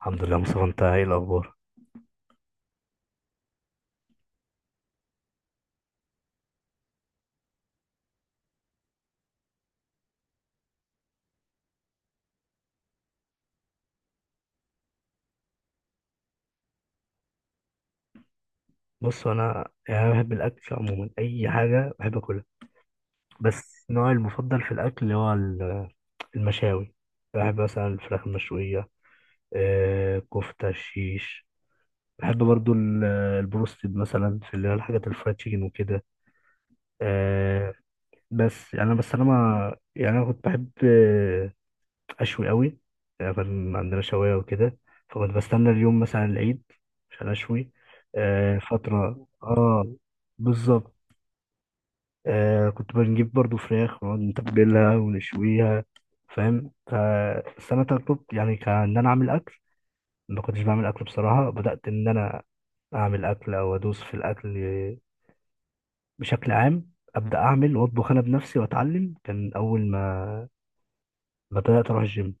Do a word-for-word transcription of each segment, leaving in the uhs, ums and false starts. الحمد لله مصطفى، انت ايه الاخبار؟ بص انا يعني انا بحب الاكل عموما، اي حاجه بحب اكلها. بس نوعي المفضل في الاكل هو ال- المشاوي. بحب مثلا الفراخ المشويه، آه، كفته الشيش. بحب برضو ال- البروستد مثلا، في اللي هي الحاجات الفرايد تشيكن وكده. آه، بس يعني انا بس انا ما يعني انا كنت بحب آه، اشوي قوي. يعني كان عندنا شوايه وكده، فكنت بستنى اليوم مثلا العيد عشان اشوي. آه، فترة، بالظبط. آه، كنت بنجيب برضو فراخ ونقعد نتبلها ونشويها. فاهم؟ فالسنة اللي فاتت يعني كان انا اعمل اكل. ما كنتش بعمل اكل بصراحة. بدأت ان انا اعمل اكل او ادوس في الاكل بشكل عام، ابدا اعمل واطبخ انا بنفسي واتعلم. كان اول ما ما بدات اروح الجيم.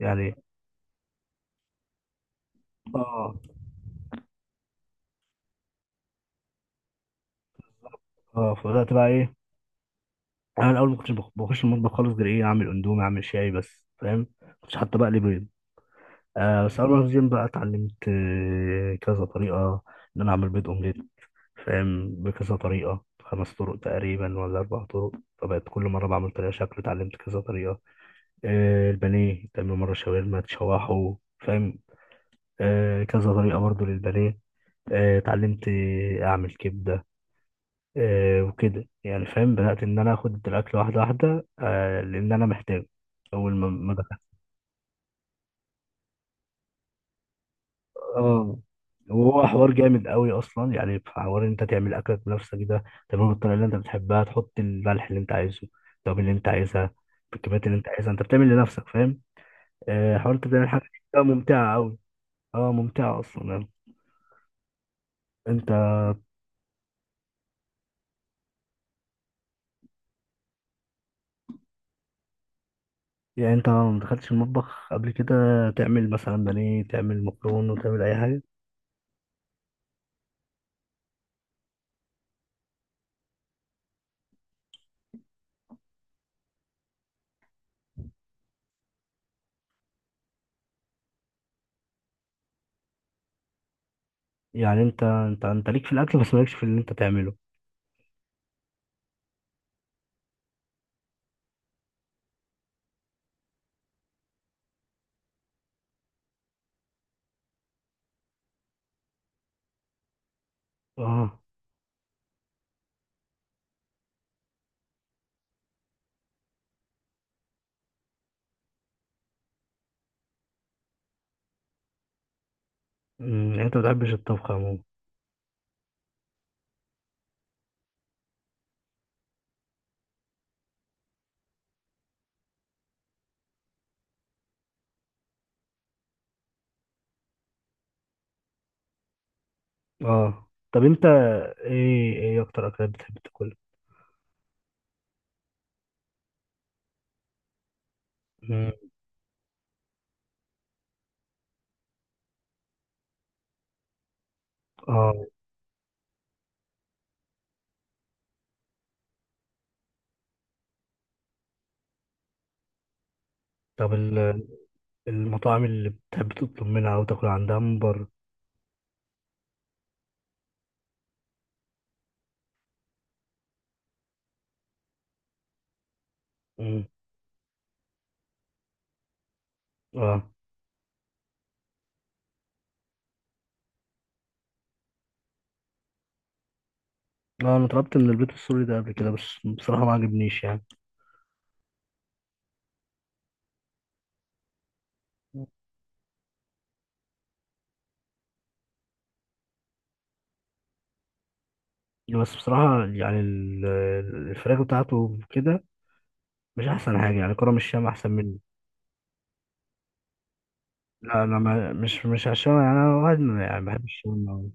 يعني، اه. اه، فبدات بقى ايه؟ انا الاول ما كنتش بخ- بخش المطبخ خالص، غير ايه، اعمل اندومي، اعمل شاي بس. فاهم؟ ما كنتش حتى بقلي بيض. آه، بس أنا في الجيم بقى اتعلمت آه، كذا طريقة إن أنا أعمل بيض أومليت. فاهم؟ بكذا طريقة، خمس طرق تقريبا ولا أربع طرق. فبقت كل مرة بعمل طريقة شكل، اتعلمت كذا طريقة. آه، البانيه تعمل مرة شاورما، تشوحه. فاهم؟ آه، كذا طريقة برضو للبانيه. آه، اتعلمت آه، أعمل كبدة. آه، وكده يعني. فاهم؟ بدأت إن أنا آخد الأكل واحدة واحدة. آه، لأن أنا محتاج. أول ما ما دخلت، اه. وهو حوار جامد قوي اصلا. يعني في حوار ان انت تعمل اكلك بنفسك، ده تعمله بالطريقه اللي انت بتحبها، تحط الملح اللي انت عايزه، التوابل اللي انت عايزها، بالكميات اللي انت عايزها. انت بتعمل لنفسك، فاهم؟ آه، حوار انت بتعمل حاجه، ده ممتعه قوي. اه، ممتعه اصلا يعني. انت، يعني انت ما دخلتش المطبخ قبل كده تعمل مثلا بانيه، تعمل مكرونه وتعمل اي حاجه؟ يعني انت انت انت ليك في الاكل، بس مالكش في اللي انت تعمله؟ اه. أمم، يعني انت ما بتحبش الطبخ عموما؟ اه. طب انت، ايه ايه اكتر اكلات بتحب تاكلها؟ مم. اه، طب ال- المطاعم اللي بتحب تطلب منها او تاكل عندها من بره؟ مم. اه. لا، انا طلبت من البيت السوري ده قبل كده، بس بصراحه ما عجبنيش يعني. بس بصراحه يعني ال- الفراخ بتاعته كده مش احسن حاجه. يعني كرم الشام احسن منه. لا انا، ما مش مش عشان يعني انا واحد من- يعني بحب الشام أوي.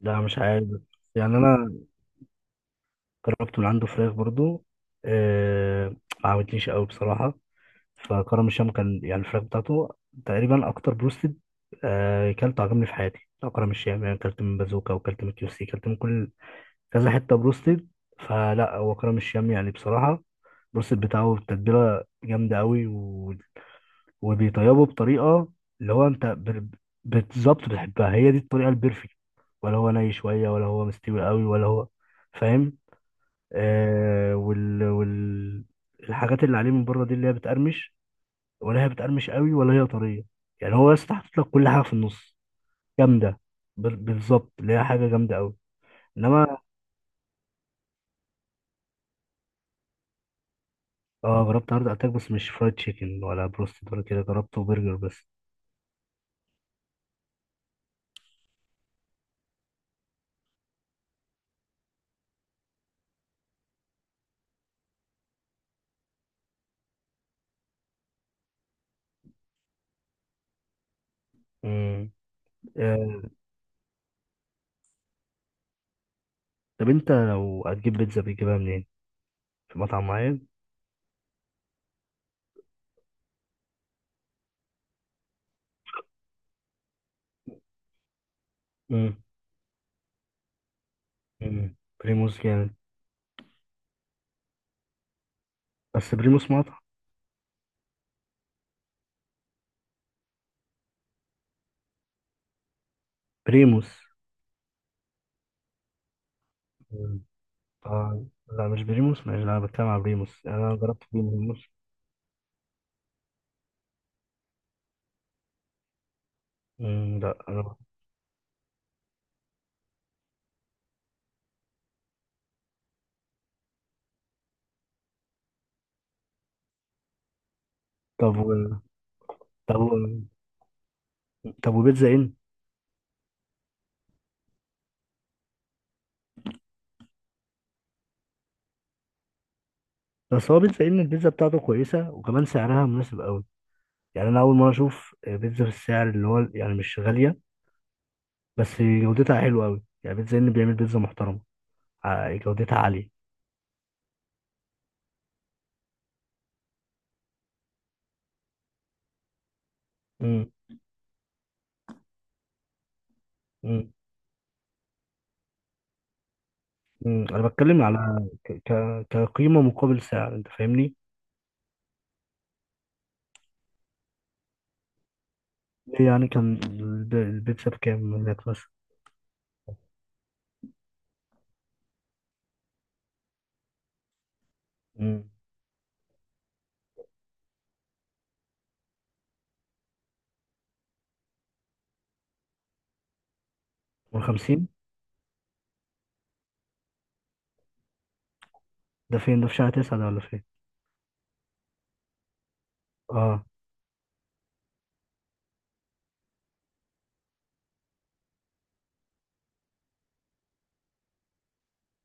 لا، مش عارف. يعني انا جربت من عنده فراخ برضو، آه. ما عجبتنيش قوي بصراحه. فكرم الشام كان يعني الفراخ بتاعته تقريبا اكتر بروستد آه كلته عجبني في حياتي، بتاع كرم الشام. يعني كلت من بازوكا، وكلت من كيو سي، كلت من كل كذا حته بروستد. فلا، هو كرم الشام يعني بصراحه، البروستد بتاعه تتبيله جامده قوي، و... وبيطيبه بطريقه اللي هو انت ب... بالظبط بتحبها. هي دي الطريقه البيرفكت. ولا هو ني شويه، ولا هو مستوي قوي ولا هو. فاهم؟ آه وال... وال الحاجات اللي عليه من بره دي اللي هي بتقرمش، ولا هي بتقرمش قوي ولا هي طريه. يعني هو بس حاطط لك كل حاجه في النص. جامده، بال- بالظبط. اللي هي حاجه جامده قوي. انما، اه، جربت هارد اتاك بس مش فرايد تشيكن ولا بروستد ولا كده، جربته برجر بس. امم. آه، طب انت لو هتجيب بيتزا بتجيبها منين؟ في مطعم معين؟ امم. امم، بريموس جامد. بس بريموس مطعم؟ بريموس. أمم. آه، لا مش بريموس. مش انا بتكلم على بريموس؟ يعني انا جربت بريموس. أمم. لا انا، طب و... طب و... طب وبيتزا ان؟ بس هو بيتزا إيه؟ ان البيتزا بتاعته كويسه، وكمان سعرها مناسب قوي. يعني انا اول مره اشوف آه، بيتزا في السعر اللي هو يعني مش غاليه، بس جودتها حلوه قوي. يعني بيتزا ان بيعمل بيتزا محترمه، ع- جودتها عاليه. امم. امم. امم، انا بتكلم على ك... ك... كقيمه مقابل سعر، انت فاهمني؟ ليه يعني، كان الب- البيتزا بكام هناك مثلا؟ امم. خمسين؟ ده فين، ده في شهر تسعة ده ولا فين؟ اه.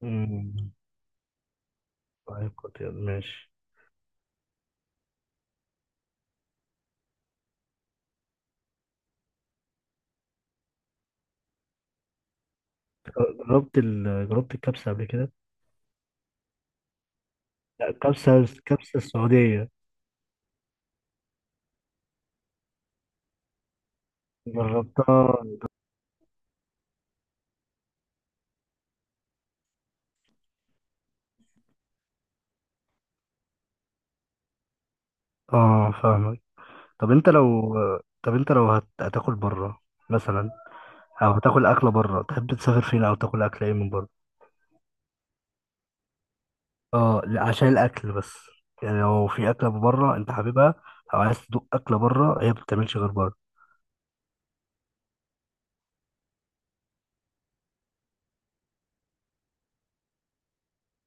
امم، طيب. كنت ماشي، جربت ال... جربت الكبسه قبل كده؟ لا، الكبسه الكبسه السعوديه. جربتها؟ اه، فاهمك. طب انت لو، طب انت لو هت... هتاكل بره مثلا، او هتاكل اكله بره، تحب تسافر فين او تاكل اكل ايه من بره؟ اه لا، عشان الاكل بس. يعني لو في اكله بره انت حاببها، او عايز تدوق اكله بره هي ما بتتعملش غير بره.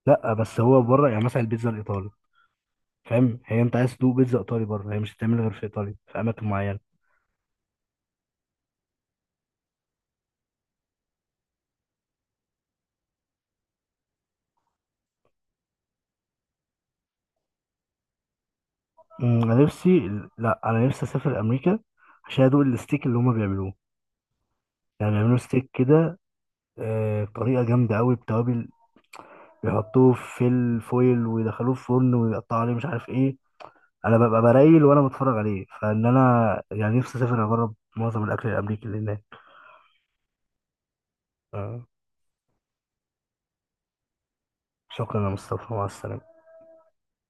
لا بس هو بره يعني مثلا البيتزا الايطالي. فاهم؟ هي انت عايز تدوق بيتزا ايطالي بره، هي مش هتتعمل غير في ايطاليا، في اماكن معينه. أمم، انا نفسي. لا انا نفسي اسافر امريكا عشان ادوق الستيك اللي هما بيعملوه. يعني بيعملوا ستيك كده آه، بطريقه جامده قوي، بتوابل. بيحطوه في الفويل ويدخلوه في فرن ويقطعوا عليه مش عارف ايه. انا ببقى برايل وانا بتفرج عليه، فان انا يعني نفسي اسافر اجرب معظم الاكل الامريكي اللي هناك. آه، شكرا يا مصطفى، مع السلامه.